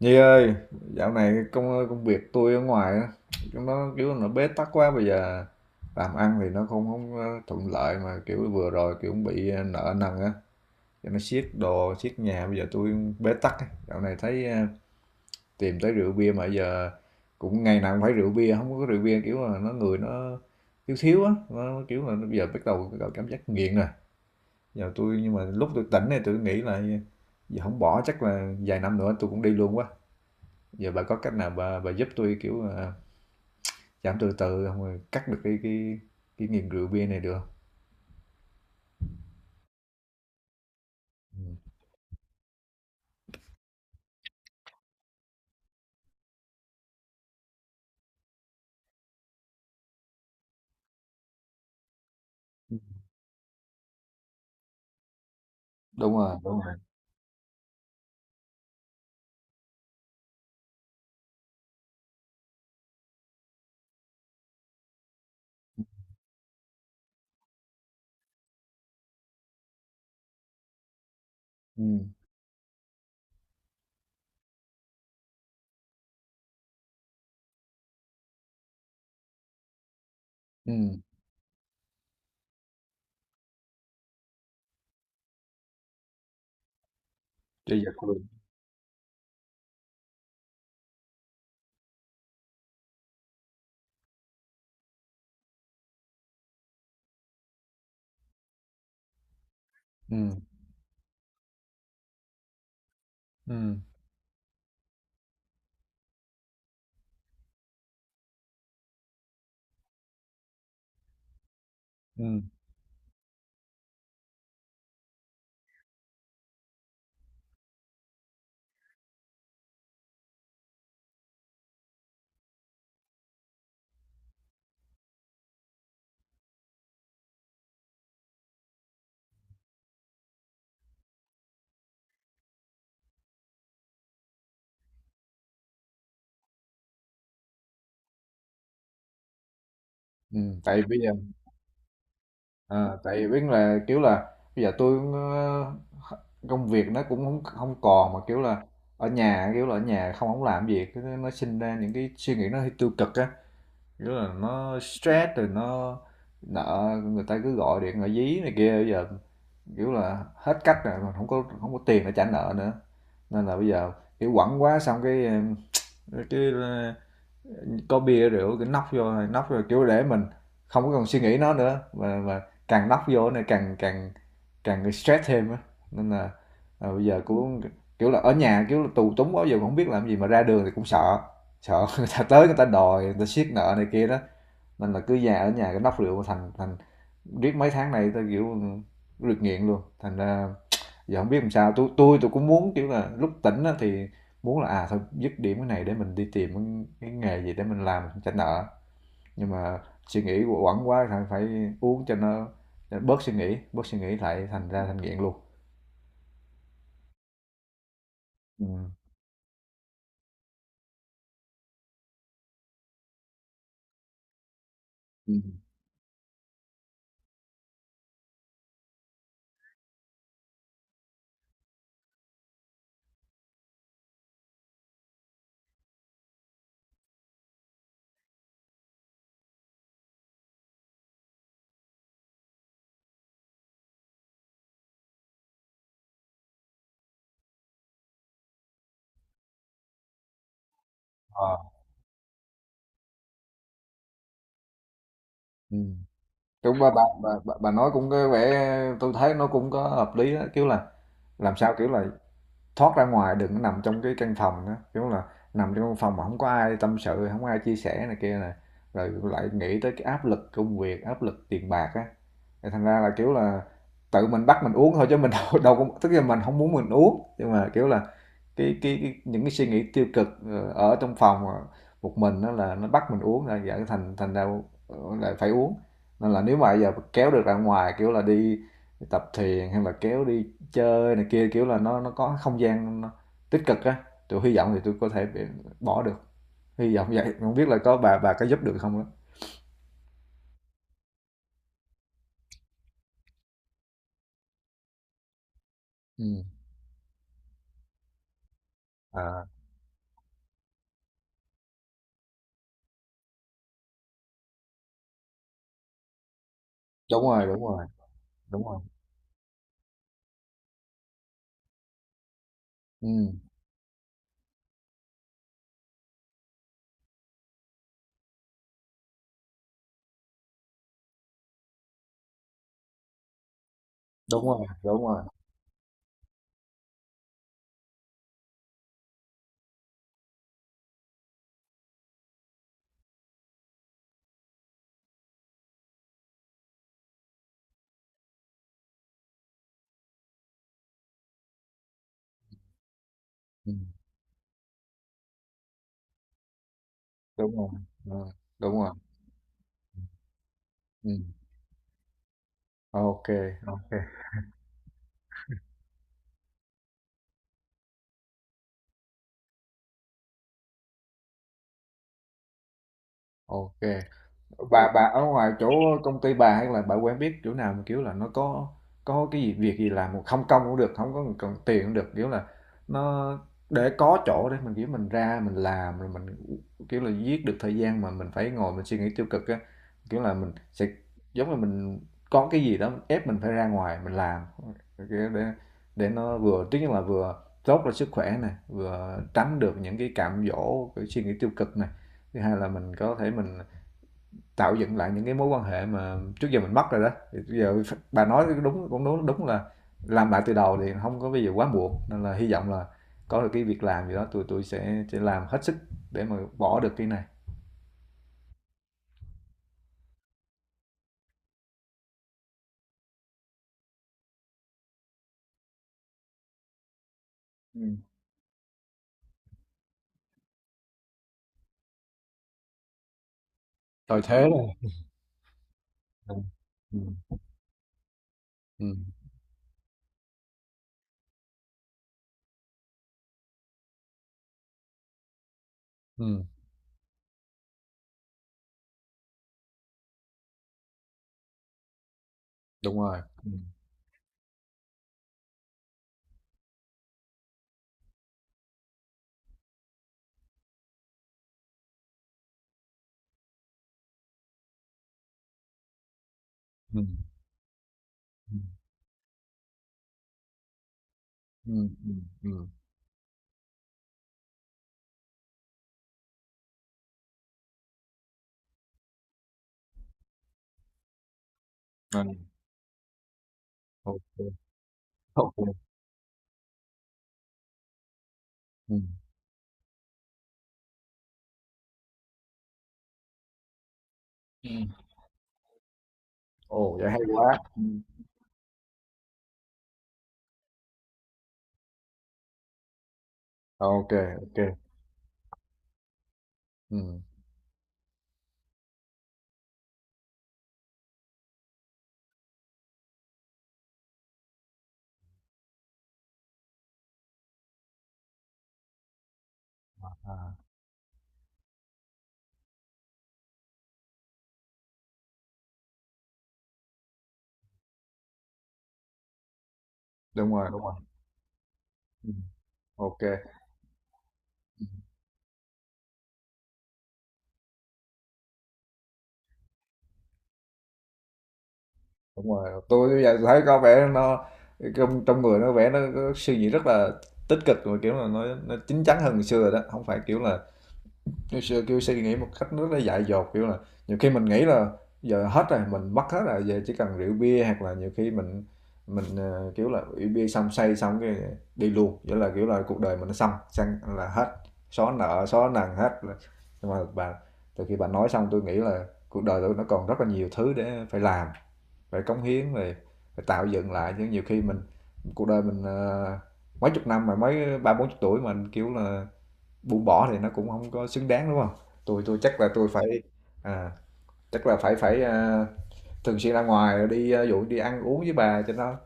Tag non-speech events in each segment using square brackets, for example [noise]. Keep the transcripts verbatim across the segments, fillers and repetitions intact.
Nhi ơi, dạo này công công việc tôi ở ngoài á, chúng nó kiểu nó bế tắc quá. Bây giờ làm ăn thì nó không không ờ, thuận lợi mà kiểu vừa rồi kiểu cũng bị ờ, nợ nần á, cho nó siết đồ siết nhà, bây giờ tôi bế tắc á. Dạo này thấy ờ, tìm tới rượu bia mà giờ cũng ngày nào cũng phải rượu bia, không có rượu bia kiểu là nó người nó thiếu thiếu á, nó kiểu là nó bây giờ bắt đầu bắt đầu cảm giác nghiện rồi. Giờ tôi, nhưng mà lúc tôi tỉnh này tôi nghĩ là giờ không bỏ chắc là vài năm nữa tôi cũng đi luôn quá. Giờ bà có cách nào bà bà giúp tôi kiểu, à, giảm từ từ không rồi cắt được cái cái cái nghiện rượu bia này được không? Ừm, đúng rồi, đúng rồi. Ừm, ừm, bây giờ tôi, ừm, ừm, ừm, ừm, tại bây giờ ờ, tại biết là, kiểu là, bây giờ tôi ơ, công việc nó cũng không hông còn mà, kiểu là, ở nhà, kiểu là, ở nhà không hổng làm việc cái nó sinh ra những cái suy nghĩ nó hơi tiêu cực á, kiểu là, nó stress rồi nó nợ, người ta cứ gọi điện, gọi dí này kia. Bây giờ kiểu là hết cách rồi mà không có không có tiền để trả nợ nữa, nên là bây giờ kiểu quẳng quá xong cái cái có bia rượu cứ nóc vô nóc vô kiểu để mình không có còn suy nghĩ nó nữa. Mà mà càng nóc vô này càng càng càng stress thêm á, nên là à, bây giờ cũng kiểu là ở nhà kiểu là tù túng quá, giờ cũng không biết làm gì mà ra đường thì cũng sợ, sợ [laughs] người ta tới người ta đòi người ta siết nợ này kia đó, nên là cứ già ở nhà cái nóc rượu thành thành riết mấy tháng này tôi kiểu được nghiện luôn. Thành ra giờ không biết làm sao, tôi tôi tôi cũng muốn kiểu là lúc tỉnh á, thì muốn là à thôi dứt điểm cái này để mình đi tìm cái- nghề gì để mình làm mình trả nợ, nhưng mà suy nghĩ quẩn quá phải phải uống cho nó để bớt suy nghĩ bớt suy nghĩ lại, thành ra thành nghiện luôn. Ừ. Ừ. Ờ. Ừ. Đúng, bà, bà, bà, bà bà nói cũng có vẻ, tôi thấy nó cũng có hợp lý đó, kiểu là làm sao kiểu là thoát ra ngoài, đừng nằm trong cái căn phòng đó. Kiểu là nằm trong căn phòng mà không có ai tâm sự, không có ai chia sẻ này kia này, rồi lại nghĩ tới cái áp lực công việc, áp lực tiền bạc á, thành ra là kiểu là tự mình bắt mình uống thôi, chứ mình [laughs] đâu, đâu có, tức là mình không muốn mình uống nhưng mà kiểu là cái cái, cái những cái suy nghĩ tiêu cực ờ, ở trong phòng một mình đó là nó bắt mình uống, là dẫn thành thành ra ờ, lại phải uống. Nên là nếu mà bây giờ kéo được ra ngoài kiểu là đi tập thiền hay là kéo đi chơi này kia, kiểu là, nó nó có không gian nó tích cực á, tôi hy vọng thì tôi có thể b bỏ được, hy vọng vậy, không biết là có bà bà có giúp được không á? Ừm, à, đúng rồi, đúng rồi, đúng rồi, ừm, đúng rồi, đúng rồi, ừm, đúng rồi, ờ, đúng rồi, ừm, ok, ok ô bà bà ở ngoài chỗ công ty bà hay là bà quen biết chỗ nào mà kiểu là nó có có cái gì việc gì làm mà không công cũng được, không có cần tiền cũng được, kiểu là nó để có chỗ để mình kiểu mình ra mình làm rồi mình kiểu là giết được thời gian mà mình phải ngồi mình suy nghĩ tiêu cực á, kiểu là mình sẽ giống là mình có cái gì đó ép mình phải ra ngoài mình làm, kiểu để để nó vừa, thứ nhất là vừa tốt cho sức khỏe này, vừa tránh được những cái cám dỗ cái suy nghĩ tiêu cực này, thứ hai là mình có thể mình tạo dựng lại những cái mối quan hệ mà trước giờ mình mất rồi đó. Thì giờ bà nói đúng, cũng đúng, đúng là làm lại từ đầu thì không có bây giờ quá muộn, nên là hy vọng là có được cái việc làm gì đó tụi tôi sẽ sẽ làm hết sức để mà bỏ được cái này. Ừ. Thời thế rồi. Ừ. Ừ. Ừ. Ừ. Đúng rồi. Ừ. Ừ. Ừ. Ừ. Ừ. Ừ. Ừ. Ok. Ok. Ừ. Ừ. Ồ vậy hay quá. Ừ. Ok. Ok. Ừ. À, đúng rồi, đúng rồi. Ừ. Ok. Đúng rồi, tôi bây giờ thấy có vẻ nó, trong trong người nó vẻ nó có suy nghĩ rất là tích cực rồi, kiểu là nó nó chín chắn hơn ngày xưa rồi đó, không phải kiểu là ngày xưa, kiểu, suy nghĩ một cách rất là dại dột. Kiểu là, nhiều khi mình nghĩ là giờ hết rồi, mình mất hết rồi, giờ chỉ cần rượu bia, hoặc là nhiều khi mình mình, ờ, kiểu là, rượu bia xong say xong cái đi luôn, nghĩa là, kiểu là, cuộc đời mình nó xong, xong là hết, xóa nợ, xóa nần hết. Nhưng mà bà, từ khi bà nói xong tôi nghĩ là cuộc đời tôi nó còn rất là nhiều thứ để phải làm, phải cống hiến, về phải tạo dựng lại chứ, nhiều khi mình cuộc đời mình, ờ, mấy chục năm mà mới ba bốn chục tuổi mà, kiểu là, buông bỏ thì nó cũng không có xứng đáng, đúng không? Tôi tôi chắc là tôi phải à, chắc là phải phải, a, thường xuyên ra ngoài đi, a, ví dụ đi ăn uống với bà cho nó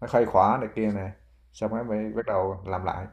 nó khuây khỏa này kia nè, xong rồi mới bắt đầu làm lại.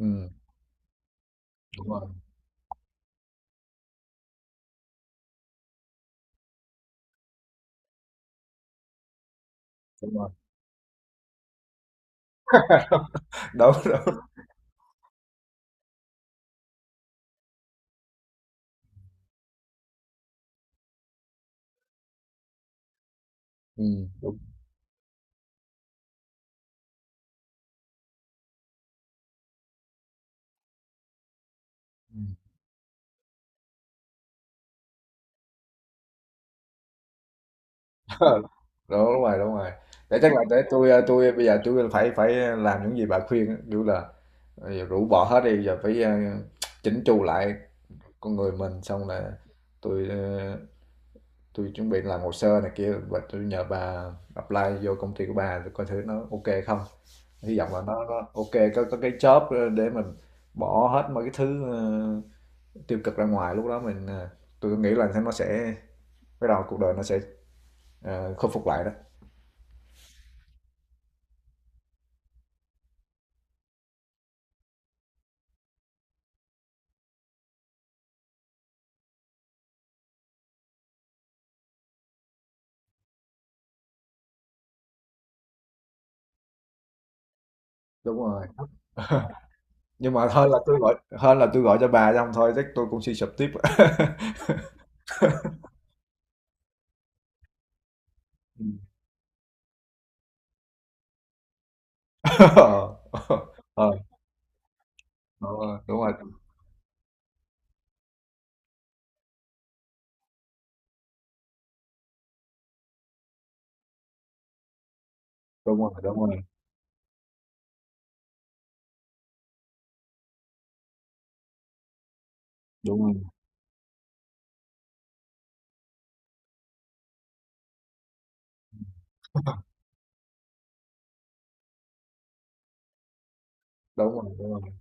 Ừm, đúng rồi, đúng rồi. Đúng, đúng. Ừm, đúng, ừm. Ờ, [laughs] đúng rồi, đúng rồi. Để chắc là để tôi a, tui bây giờ tôi phải phải làm những gì bà khuyên á, kiểu là, bây rũ bỏ hết đi, giờ phải, a, chỉnh chu lại con người mình, xong là tôi. À, tôi chuẩn bị làm hồ sơ này kia và tôi nhờ bà apply vô công ty của bà để coi thử nó ok không, hy vọng là nó, nó ok, có có cái job để mình bỏ hết mấy cái thứ ờ, tiêu cực ra ngoài, lúc đó mình ờ, tôi nghĩ là nó sẽ bắt đầu, cuộc đời nó sẽ ờ, khôi phục lại đó. Đúng rồi. Nhưng mà hơn là tôi gọi, hơn là tôi gọi cho bà xong thôi chắc tôi cũng suy sụp tiếp. [laughs] Ừ. [laughs] Ờ. Ờ, đúng rồi, đúng rồi, đúng rồi, đúng rồi, đúng rồi, đúng rồi, đúng rồi,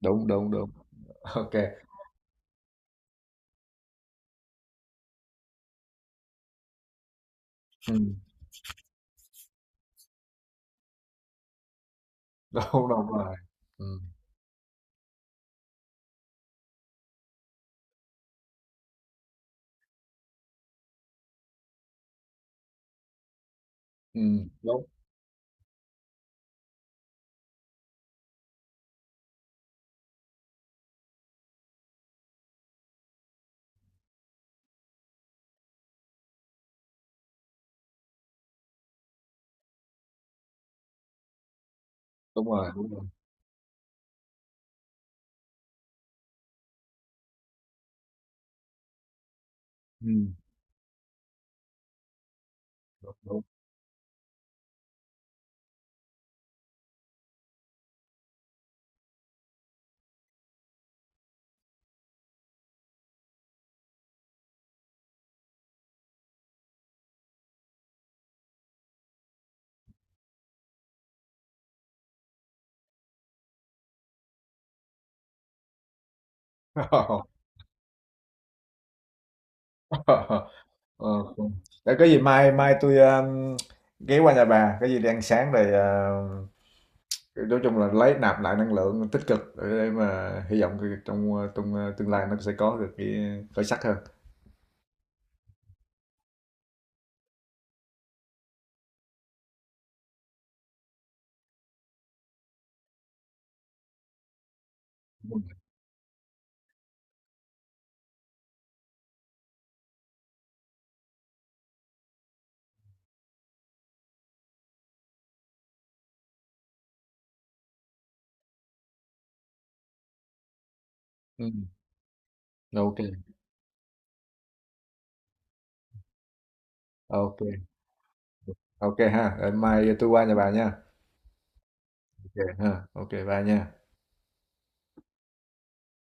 đúng, đúng, đúng, ok. Ừ. Đúng, đúng rồi. Ừm, ừm, đúng, đúng rồi, đúng rồi. Ừm, đúng. [laughs] Ờ, ừm. Để có gì mai mai tôi a, ghé qua nhà bà, cái gì đi ăn sáng rồi, à, nói chung là lấy nạp lại năng lượng tích cực để mà hy vọng cái trong, a, trong, tương lai nó sẽ có được cái khởi sắc hơn. Ừm, ok, ok kê, ha, để mai tôi qua nhà bà nha. Ok, ha, ok bà bye nha.